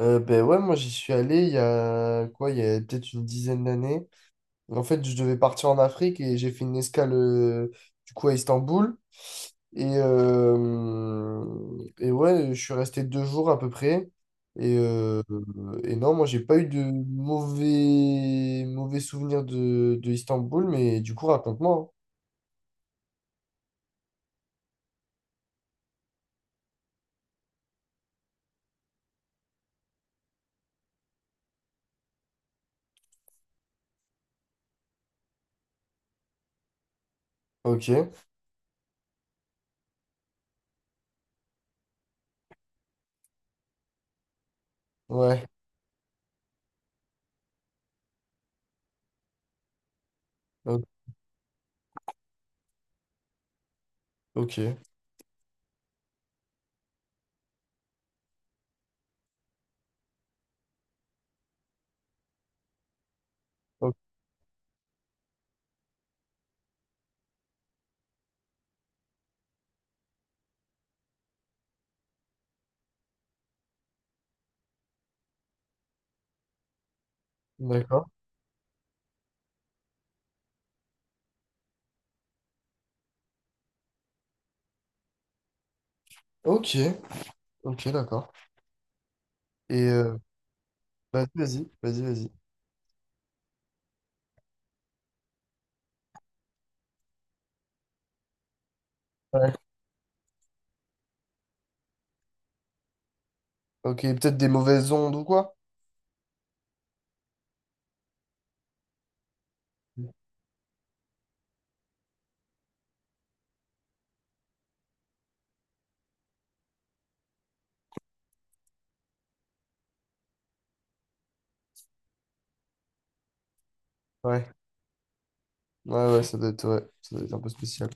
Ben ouais, moi j'y suis allé il y a quoi, il y a peut-être une dizaine d'années. En fait, je devais partir en Afrique et j'ai fait une escale du coup à Istanbul. Et, euh, et ouais, je suis resté deux jours à peu près. Et, euh, et non, moi j'ai pas eu de mauvais souvenirs de Istanbul, mais du coup, raconte-moi. Hein. Ok, ouais, o- ok, ok, d'accord. Ok, ok, d'accord. Et vas-y, vas-y, vas-y, vas-y. Ok, peut-être des mauvaises ondes ou quoi? Ouais, ouais, ouais, ça doit être, ouais, ça doit être un peu spécial.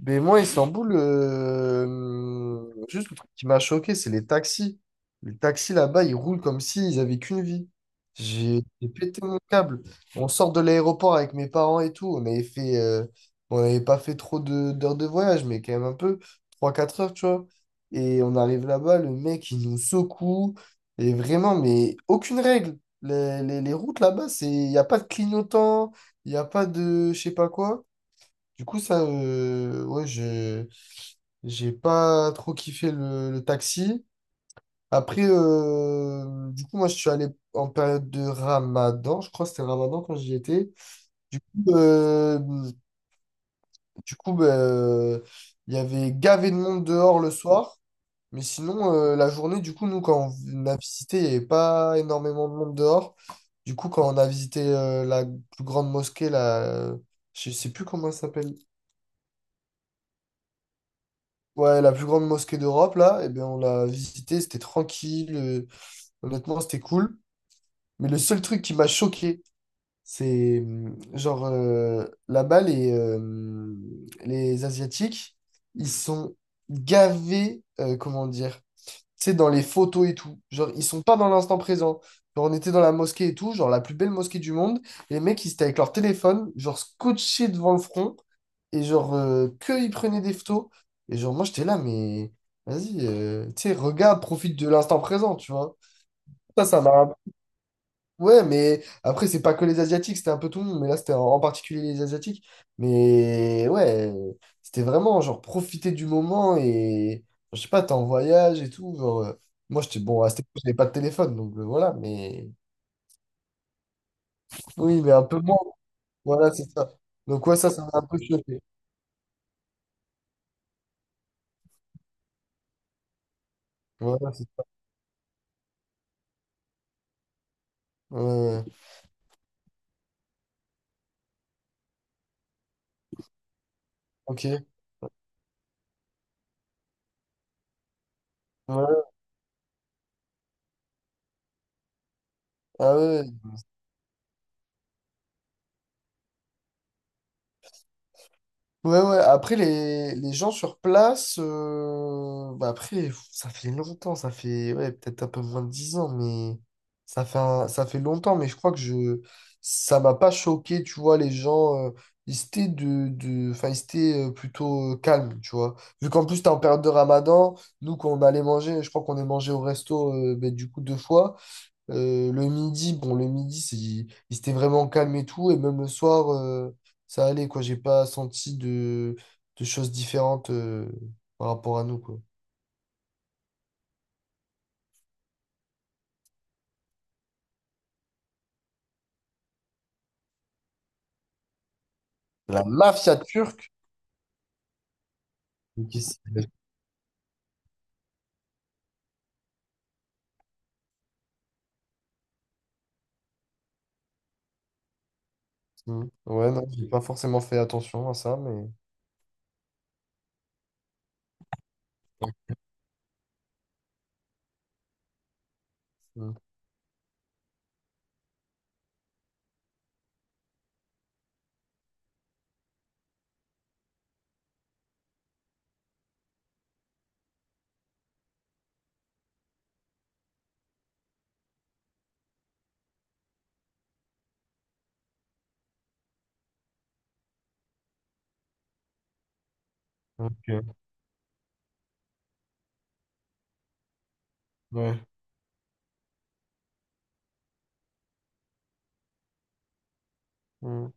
Mais moi, Istanbul, juste le truc qui m'a choqué, c'est les taxis. Les taxis là-bas, ils roulent comme s'ils avaient qu'une vie. J'ai pété mon câble. On sort de l'aéroport avec mes parents et tout. On avait fait, on n'avait pas fait trop d'heures de voyage, mais quand même un peu, trois quatre heures, tu vois. Et on arrive là-bas, le mec, il nous secoue. Et vraiment, mais aucune règle. Les routes là-bas, c'est, il n'y a pas de clignotant, il n'y a pas de je sais pas quoi. Du coup, ça, ouais, j'ai pas trop kiffé le taxi. Après, du coup, moi, je suis allé en période de Ramadan. Je crois que c'était Ramadan quand j'y étais. Du coup, euh, du coup, bah, il y avait gavé de monde dehors le soir. Mais sinon, la journée, du coup, nous, quand on a visité, il n'y avait pas énormément de monde dehors. Du coup, quand on a visité la plus grande mosquée, la, je sais plus comment elle s'appelle. Ouais, la plus grande mosquée d'Europe, là, eh bien, on l'a visitée, c'était tranquille, honnêtement, c'était cool. Mais le seul truc qui m'a choqué, c'est genre là-bas, les Asiatiques, ils sont gavés, comment dire, tu sais, dans les photos et tout. Genre, ils sont pas dans l'instant présent. Genre, on était dans la mosquée et tout, genre la plus belle mosquée du monde. Et les mecs, ils étaient avec leur téléphone, genre scotché devant le front. Et genre, que ils prenaient des photos. Et genre, moi, j'étais là, mais vas-y, tu sais, regarde, profite de l'instant présent, tu vois. Ça m'a un. Ouais, mais après, c'est pas que les Asiatiques, c'était un peu tout le monde, mais là, c'était en particulier les Asiatiques. Mais ouais, c'était vraiment genre profiter du moment et je sais pas, t'es en voyage et tout. Genre, moi, j'étais bon, à cette époque, j'avais pas de téléphone, donc voilà, mais oui, mais un peu moins. Voilà, c'est ça. Donc, ouais, ça m'a un peu choqué. Voilà, ouais, ouais, ouais. Ok. Ouais. Ah ouais. Ouais. Ouais, ouais. Après, les gens sur place, bah après, pff, ça fait longtemps, ça fait ouais, peut-être un peu moins de 10 ans, mais ça fait, ça fait longtemps, mais je crois que je, ça m'a pas choqué, tu vois, les gens, ils étaient, enfin, ils étaient plutôt calmes, tu vois. Vu qu'en plus, t'es en période de Ramadan, nous, quand on allait manger, je crois qu'on est mangé au resto, ben, du coup, deux fois. Le midi, bon, le midi, c'est, il s'était vraiment calme et tout. Et même le soir, ça allait, quoi. J'ai pas senti de choses différentes par rapport à nous, quoi. La mafia turque. Ok, mm. Ouais, non, j'ai pas forcément fait attention à ça, mais. Mm. Ok, ouais. Mm.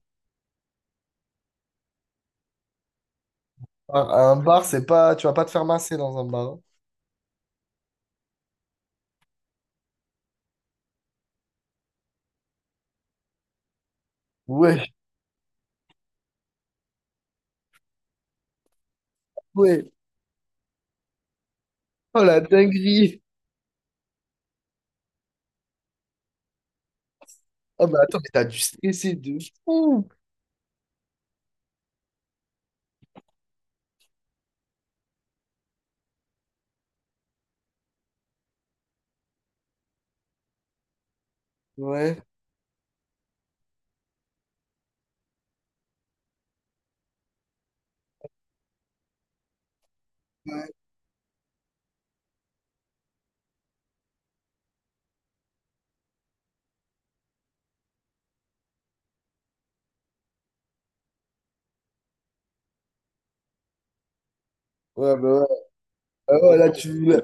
À un bar, c'est pas. Tu vas pas te faire masser dans un bar. Hein. Ouais, ouais. Oh la dinguerie. Oh, mais attends, mais t'as dû stresser de fou. Ouais. Ouais, bah ouais. Ah ouais, là, tu. Oui,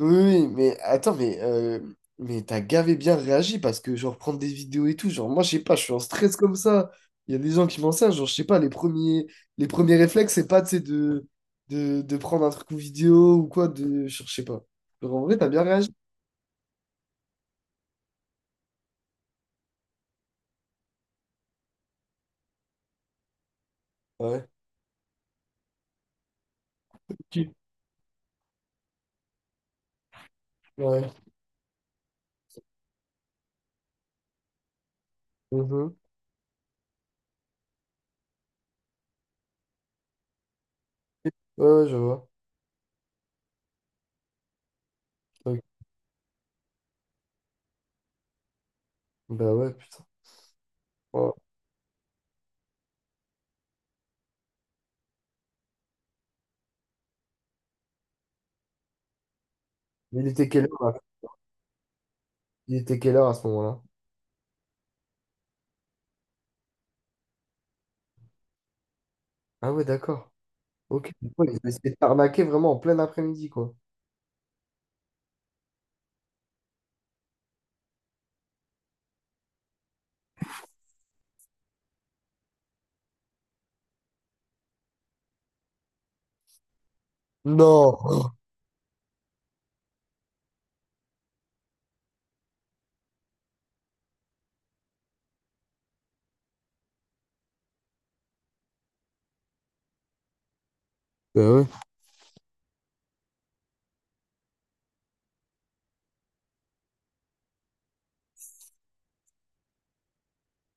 oui, oui, mais attends, mais t'as gavé bien réagi parce que, genre, prendre des vidéos et tout, genre, moi, je sais pas, je suis en stress comme ça. Il y a des gens qui m'en servent, genre, je sais pas, les premiers réflexes, c'est pas, tu sais, de prendre un truc en vidéo ou quoi, de, je sais pas. Genre, en vrai, t'as bien réagi. Ouais. Ok. Ouais. Mhm. Ouais, ouais, je vois. Ok. Bah ouais, putain. Oh. Mais il était quelle heure, là. Il était quelle heure à ce moment-là? Ah ouais, d'accord. Ok. Ouais, ils ont essayé de t'arnaquer vraiment en plein après-midi, quoi. Non. Bah ouais.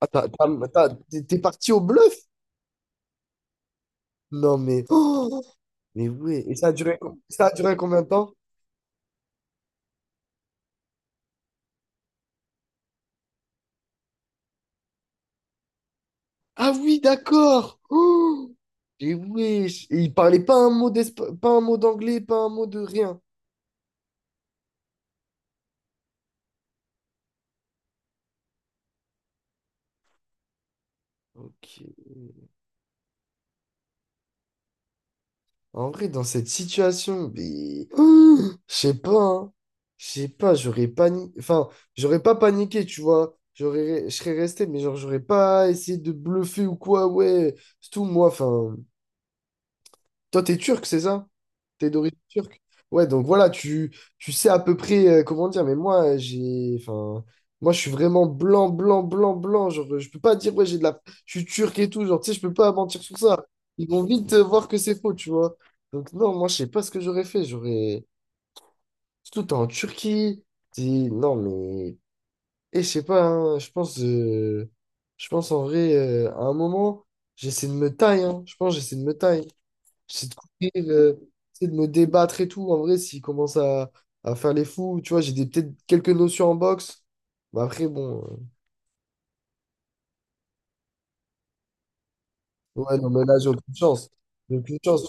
Ah, t'es parti au bluff? Non, mais. Oh mais ouais. Et ça a duré, ça a duré combien de temps? Ah oui, d'accord. Oh mais wesh. Et il parlait pas un mot pas un mot d'anglais, pas un mot de rien. Ok. En vrai, dans cette situation, mais. Oh je sais pas, hein. Je sais pas, j'aurais paniqué. Enfin, j'aurais pas paniqué, tu vois. J'aurais, je serais resté, mais genre, j'aurais pas essayé de bluffer ou quoi, ouais. C'est tout, moi, enfin. Toi, t'es turc, c'est ça? T'es d'origine turque? Ouais, donc voilà, tu sais à peu près comment dire, mais moi, j'ai, enfin, moi, je suis vraiment blanc, blanc, blanc, blanc. Genre, je peux pas dire, ouais, j'ai de la. Je suis turc et tout, genre, tu sais, je peux pas mentir sur ça. Ils vont vite voir que c'est faux, tu vois. Donc, non, moi, je sais pas ce que j'aurais fait. J'aurais. Surtout, t'es en Turquie. T'es... Non, mais. Et je sais pas, hein, je pense. Je pense en vrai, à un moment, j'essaie de me tailler. Hein. Je pense, j'essaie de me tailler. J'essaie de couper, j'essaie de me débattre et tout. En vrai, s'il commence à faire les fous, tu vois, peut-être quelques notions en boxe. Mais après, bon. Ouais, non, mais là, j'ai aucune chance. J'ai aucune chance.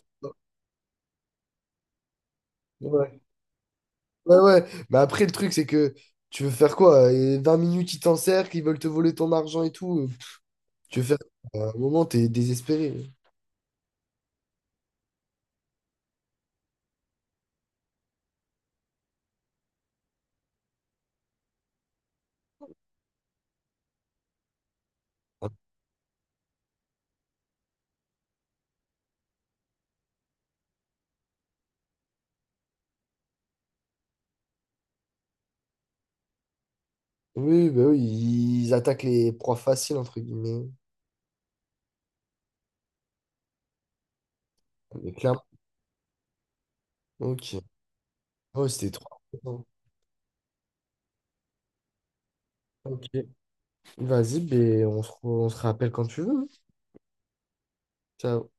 Ouais. Ouais, ouais. Mais après, le truc, c'est que tu veux faire quoi? Et 20 minutes, ils t'encerclent, ils veulent te voler ton argent et tout. Tu veux faire quoi. À un moment, t'es désespéré. Oui, bah oui, ils attaquent les proies faciles, entre guillemets. Mais clairement. Ok. Oh, c'était trop. Important. Ok. Vas-y, ben, on se, on se rappelle quand tu veux. Hein. Ciao.